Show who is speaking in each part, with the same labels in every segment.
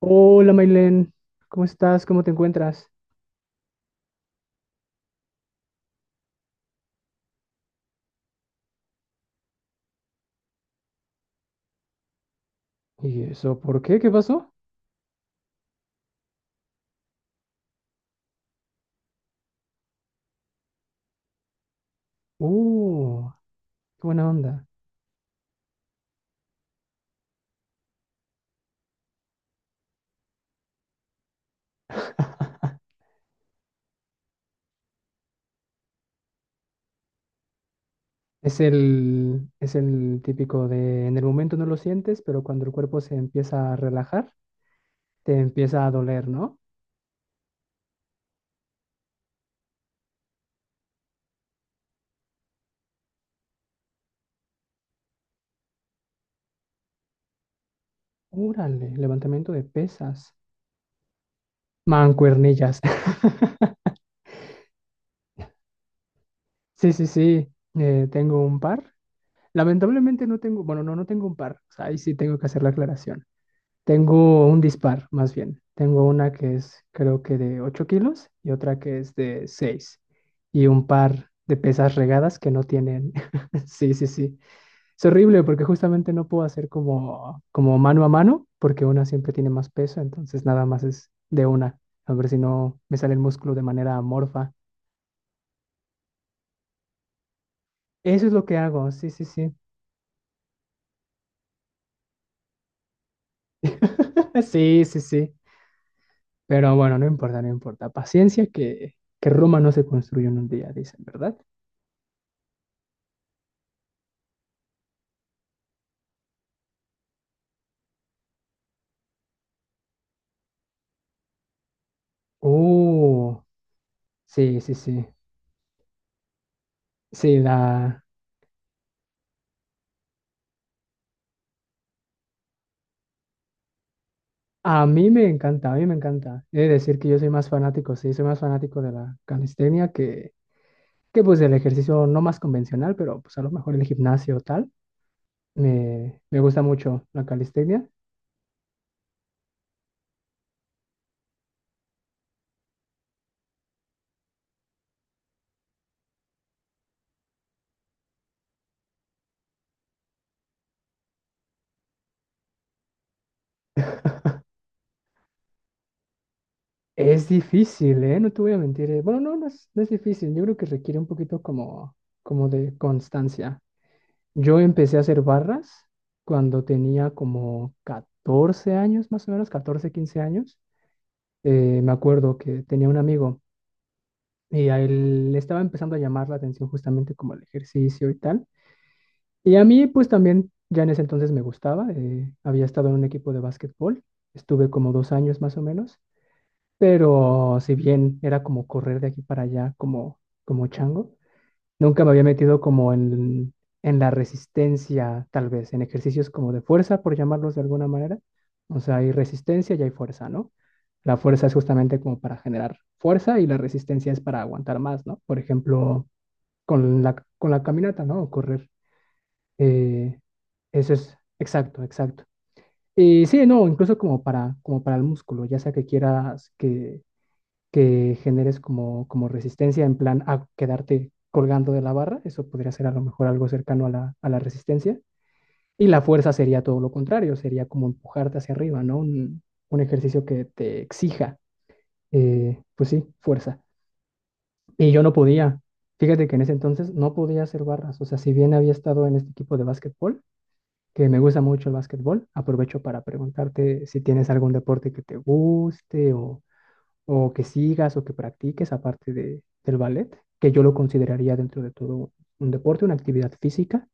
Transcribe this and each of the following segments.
Speaker 1: Hola, Maylen, ¿cómo estás? ¿Cómo te encuentras? ¿Y eso por qué? ¿Qué pasó? Uh, qué buena onda. Es el típico de en el momento no lo sientes, pero cuando el cuerpo se empieza a relajar, te empieza a doler, ¿no? Órale, levantamiento de pesas. Mancuernillas. Sí, sí, sí, tengo un par. Lamentablemente no tengo, bueno, no tengo un par. O sea, ahí sí tengo que hacer la aclaración. Tengo un dispar, más bien. Tengo una que es, creo que de 8 kilos, y otra que es de seis. Y un par de pesas regadas que no tienen. Sí, sí, sí. Es horrible porque justamente no puedo hacer como, como mano a mano porque una siempre tiene más peso, entonces nada más es de una. A ver si no me sale el músculo de manera amorfa. Eso es lo que hago, sí, sí, sí. Sí, sí, sí. Pero bueno, no importa, no importa. Paciencia que Roma no se construye en un día, dicen, ¿verdad? Oh, sí, sí, sí. Sí, la... A mí me encanta, a mí me encanta. He de decir que yo soy más fanático, sí, soy más fanático de la calistenia que pues del ejercicio no más convencional, pero pues a lo mejor el gimnasio o tal. Me gusta mucho la calistenia. Es difícil, ¿eh? No te voy a mentir. Bueno, no, no es difícil. Yo creo que requiere un poquito como de constancia. Yo empecé a hacer barras cuando tenía como 14 años, más o menos, 14 15 años. Me acuerdo que tenía un amigo y a él le estaba empezando a llamar la atención justamente como el ejercicio y tal. Y a mí pues también ya en ese entonces me gustaba. Había estado en un equipo de básquetbol, estuve como 2 años más o menos, pero si bien era como correr de aquí para allá como chango, nunca me había metido como en la resistencia, tal vez, en ejercicios como de fuerza, por llamarlos de alguna manera. O sea, hay resistencia y hay fuerza, ¿no? La fuerza es justamente como para generar fuerza y la resistencia es para aguantar más, ¿no? Por ejemplo, con la caminata, ¿no? O correr. Eh, eso es, exacto, exacto. Y sí, no, incluso como para el músculo, ya sea que quieras que generes como resistencia en plan a quedarte colgando de la barra, eso podría ser a lo mejor algo cercano a la resistencia. Y la fuerza sería todo lo contrario, sería como empujarte hacia arriba, ¿no? Un ejercicio que te exija, pues sí, fuerza. Y yo no podía, fíjate que en ese entonces no podía hacer barras, o sea, si bien había estado en este equipo de básquetbol, que me gusta mucho el básquetbol, aprovecho para preguntarte si tienes algún deporte que te guste o que sigas o que practiques aparte del ballet, que yo lo consideraría dentro de todo un deporte, una actividad física.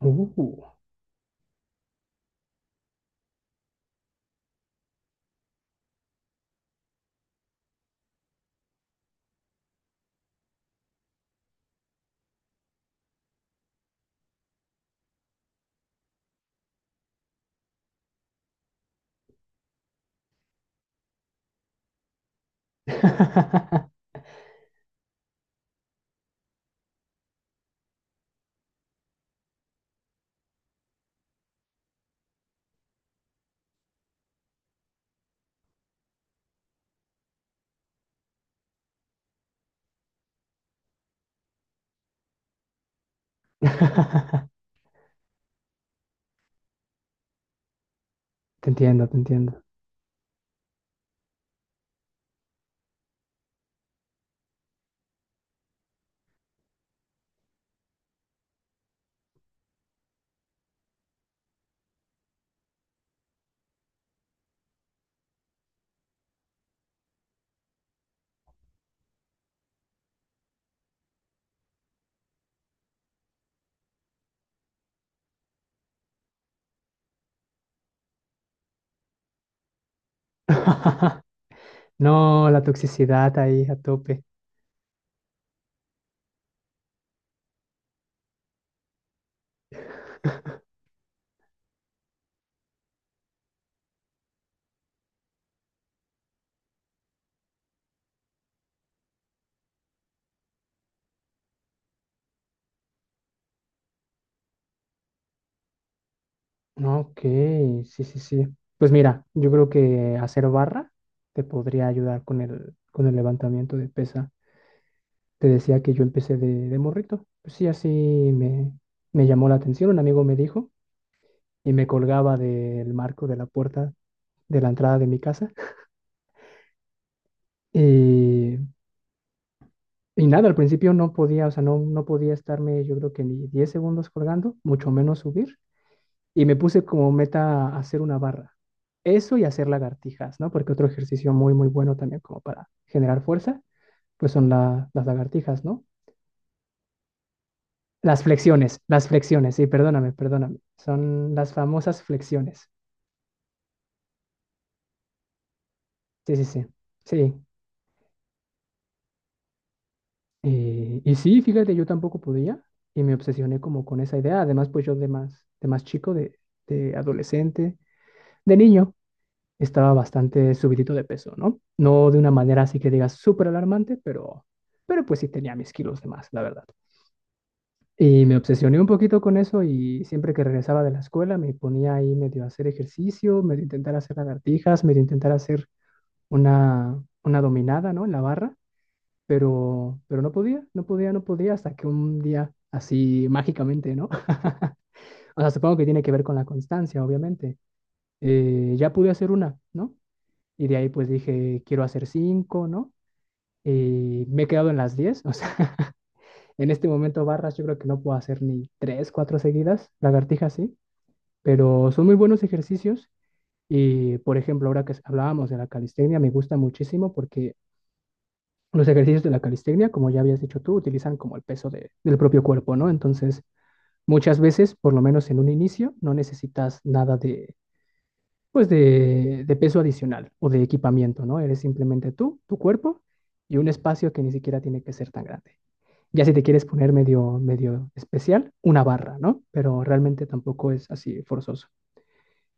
Speaker 1: Uh. Te entiendo, te entiendo. No, la toxicidad ahí a tope. No, Ok, sí, sí, sí. Pues mira, yo creo que hacer barra te podría ayudar con el levantamiento de pesa. Te decía que yo empecé de morrito. Pues sí, así me llamó la atención. Un amigo me dijo y me colgaba del marco de la puerta de la entrada de mi casa. Y, y nada, al principio no podía, o sea, no podía estarme yo creo que ni 10 segundos colgando, mucho menos subir. Y me puse como meta hacer una barra. Eso y hacer lagartijas, ¿no? Porque otro ejercicio muy, muy bueno también como para generar fuerza, pues son las lagartijas, ¿no? Las flexiones, sí, perdóname, perdóname. Son las famosas flexiones. Sí, sí, sí. Sí, y sí, fíjate, yo tampoco podía y me obsesioné como con esa idea. Además, pues yo de más chico, de adolescente, de niño, estaba bastante subidito de peso, ¿no? No de una manera así que digas súper alarmante, pero pues sí tenía mis kilos de más, la verdad. Y me obsesioné un poquito con eso y siempre que regresaba de la escuela me ponía ahí medio a hacer ejercicio, medio a intentar hacer lagartijas, medio a intentar hacer una dominada, ¿no? En la barra, pero no podía, no podía, no podía, hasta que un día así mágicamente, ¿no? O sea, supongo que tiene que ver con la constancia, obviamente. Ya pude hacer una, ¿no? Y de ahí pues dije, quiero hacer cinco, ¿no? Y me he quedado en las 10, o sea, en este momento barras yo creo que no puedo hacer ni tres, cuatro seguidas, lagartijas sí, pero son muy buenos ejercicios. Y por ejemplo, ahora que hablábamos de la calistenia, me gusta muchísimo porque los ejercicios de la calistenia, como ya habías dicho tú, utilizan como el peso del propio cuerpo, ¿no? Entonces, muchas veces, por lo menos en un inicio, no necesitas nada de peso adicional o de equipamiento, ¿no? Eres simplemente tú, tu cuerpo y un espacio que ni siquiera tiene que ser tan grande. Ya si te quieres poner medio, medio especial, una barra, ¿no? Pero realmente tampoco es así forzoso.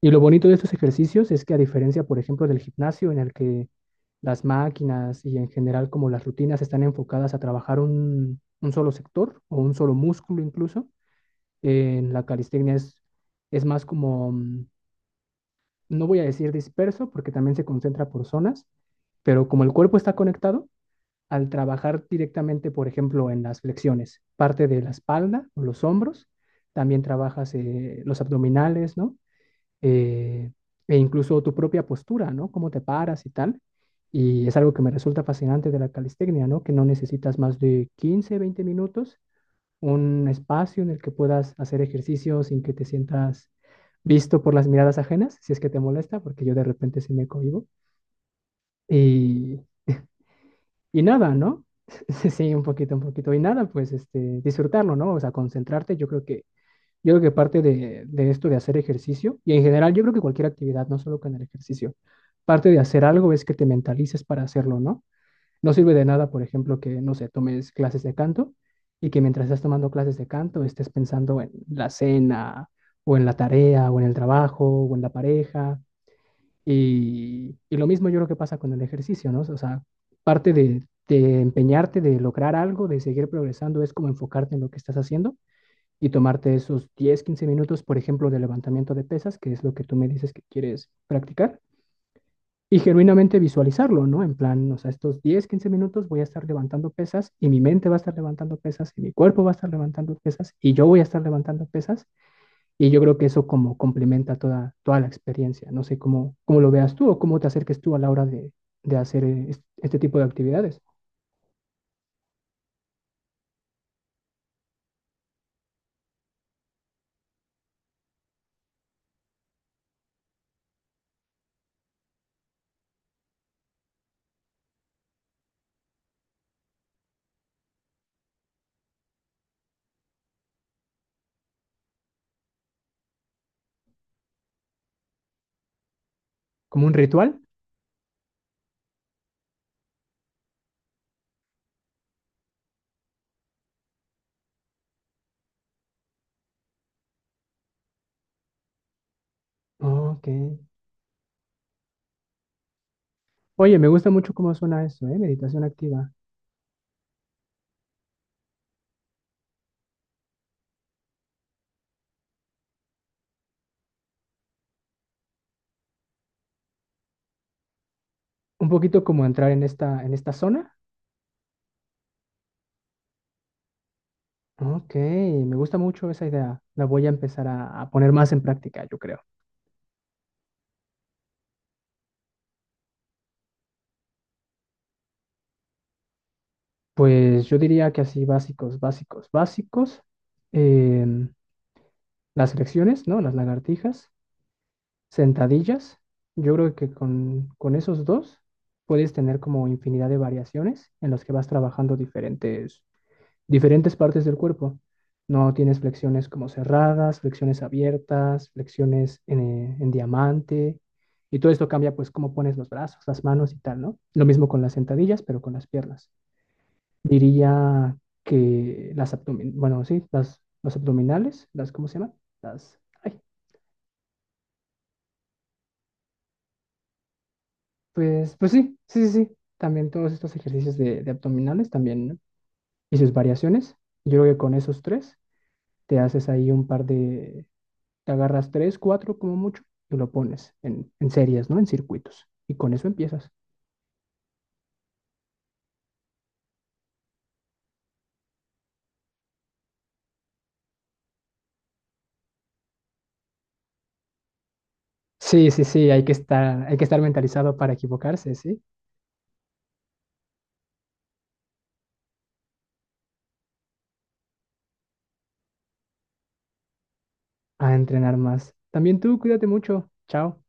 Speaker 1: Y lo bonito de estos ejercicios es que a diferencia, por ejemplo, del gimnasio en el que las máquinas y en general como las rutinas están enfocadas a trabajar un solo sector o un solo músculo incluso, en la calistenia es más como, no voy a decir disperso porque también se concentra por zonas, pero como el cuerpo está conectado, al trabajar directamente, por ejemplo, en las flexiones, parte de la espalda o los hombros, también trabajas los abdominales, ¿no? eh, e incluso tu propia postura, ¿no? Cómo te paras y tal. Y es algo que me resulta fascinante de la calistecnia, ¿no? Que no necesitas más de 15, 20 minutos, un espacio en el que puedas hacer ejercicio sin que te sientas visto por las miradas ajenas, si es que te molesta, porque yo de repente sí me cohibo. Y, y nada, ¿no? Sí, un poquito, un poquito. Y nada, pues este, disfrutarlo, ¿no? O sea, concentrarte. Yo creo que parte de esto de hacer ejercicio, y en general yo creo que cualquier actividad, no solo con el ejercicio, parte de hacer algo es que te mentalices para hacerlo, ¿no? No sirve de nada, por ejemplo, que, no sé, tomes clases de canto y que mientras estás tomando clases de canto estés pensando en la cena o en la tarea o en el trabajo o en la pareja. Y lo mismo yo creo que pasa con el ejercicio, ¿no? O sea, parte de empeñarte, de lograr algo, de seguir progresando, es como enfocarte en lo que estás haciendo y tomarte esos 10 15 minutos, por ejemplo, de levantamiento de pesas, que es lo que tú me dices que quieres practicar, y genuinamente visualizarlo, ¿no? En plan, o sea, estos 10 15 minutos voy a estar levantando pesas y mi mente va a estar levantando pesas y mi cuerpo va a estar levantando pesas y yo voy a estar levantando pesas y yo creo que eso como complementa toda, toda la experiencia. No sé cómo lo veas tú o cómo te acerques tú a la hora de hacer este tipo de actividades. ¿Como un ritual? Oh, Ok. Oye, me gusta mucho cómo suena eso, ¿eh? Meditación activa. Un poquito como entrar en esta zona. Ok, me gusta mucho esa idea. La voy a empezar a poner más en práctica, yo creo. Pues yo diría que así básicos, básicos, básicos. em, las flexiones, ¿no? Las lagartijas, sentadillas. Yo creo que con esos dos puedes tener como infinidad de variaciones en las que vas trabajando diferentes partes del cuerpo. No tienes flexiones como cerradas, flexiones abiertas, flexiones en diamante. Y todo esto cambia pues cómo pones los brazos, las manos y tal, ¿no? Lo mismo con las sentadillas, pero con las piernas. Diría que las abdominales, bueno, sí, las, los abdominales, las, ¿cómo se llaman? Las, ay, pues sí, sí, sí, sí. También todos estos ejercicios de abdominales también, ¿no? Y sus variaciones. Yo creo que con esos tres te haces ahí te agarras tres, cuatro como mucho y lo pones en series, ¿no? En circuitos. Y con eso empiezas. Sí, sí, sí, hay que estar mentalizado para equivocarse, ¿sí? A entrenar más. También tú, cuídate mucho. Chao.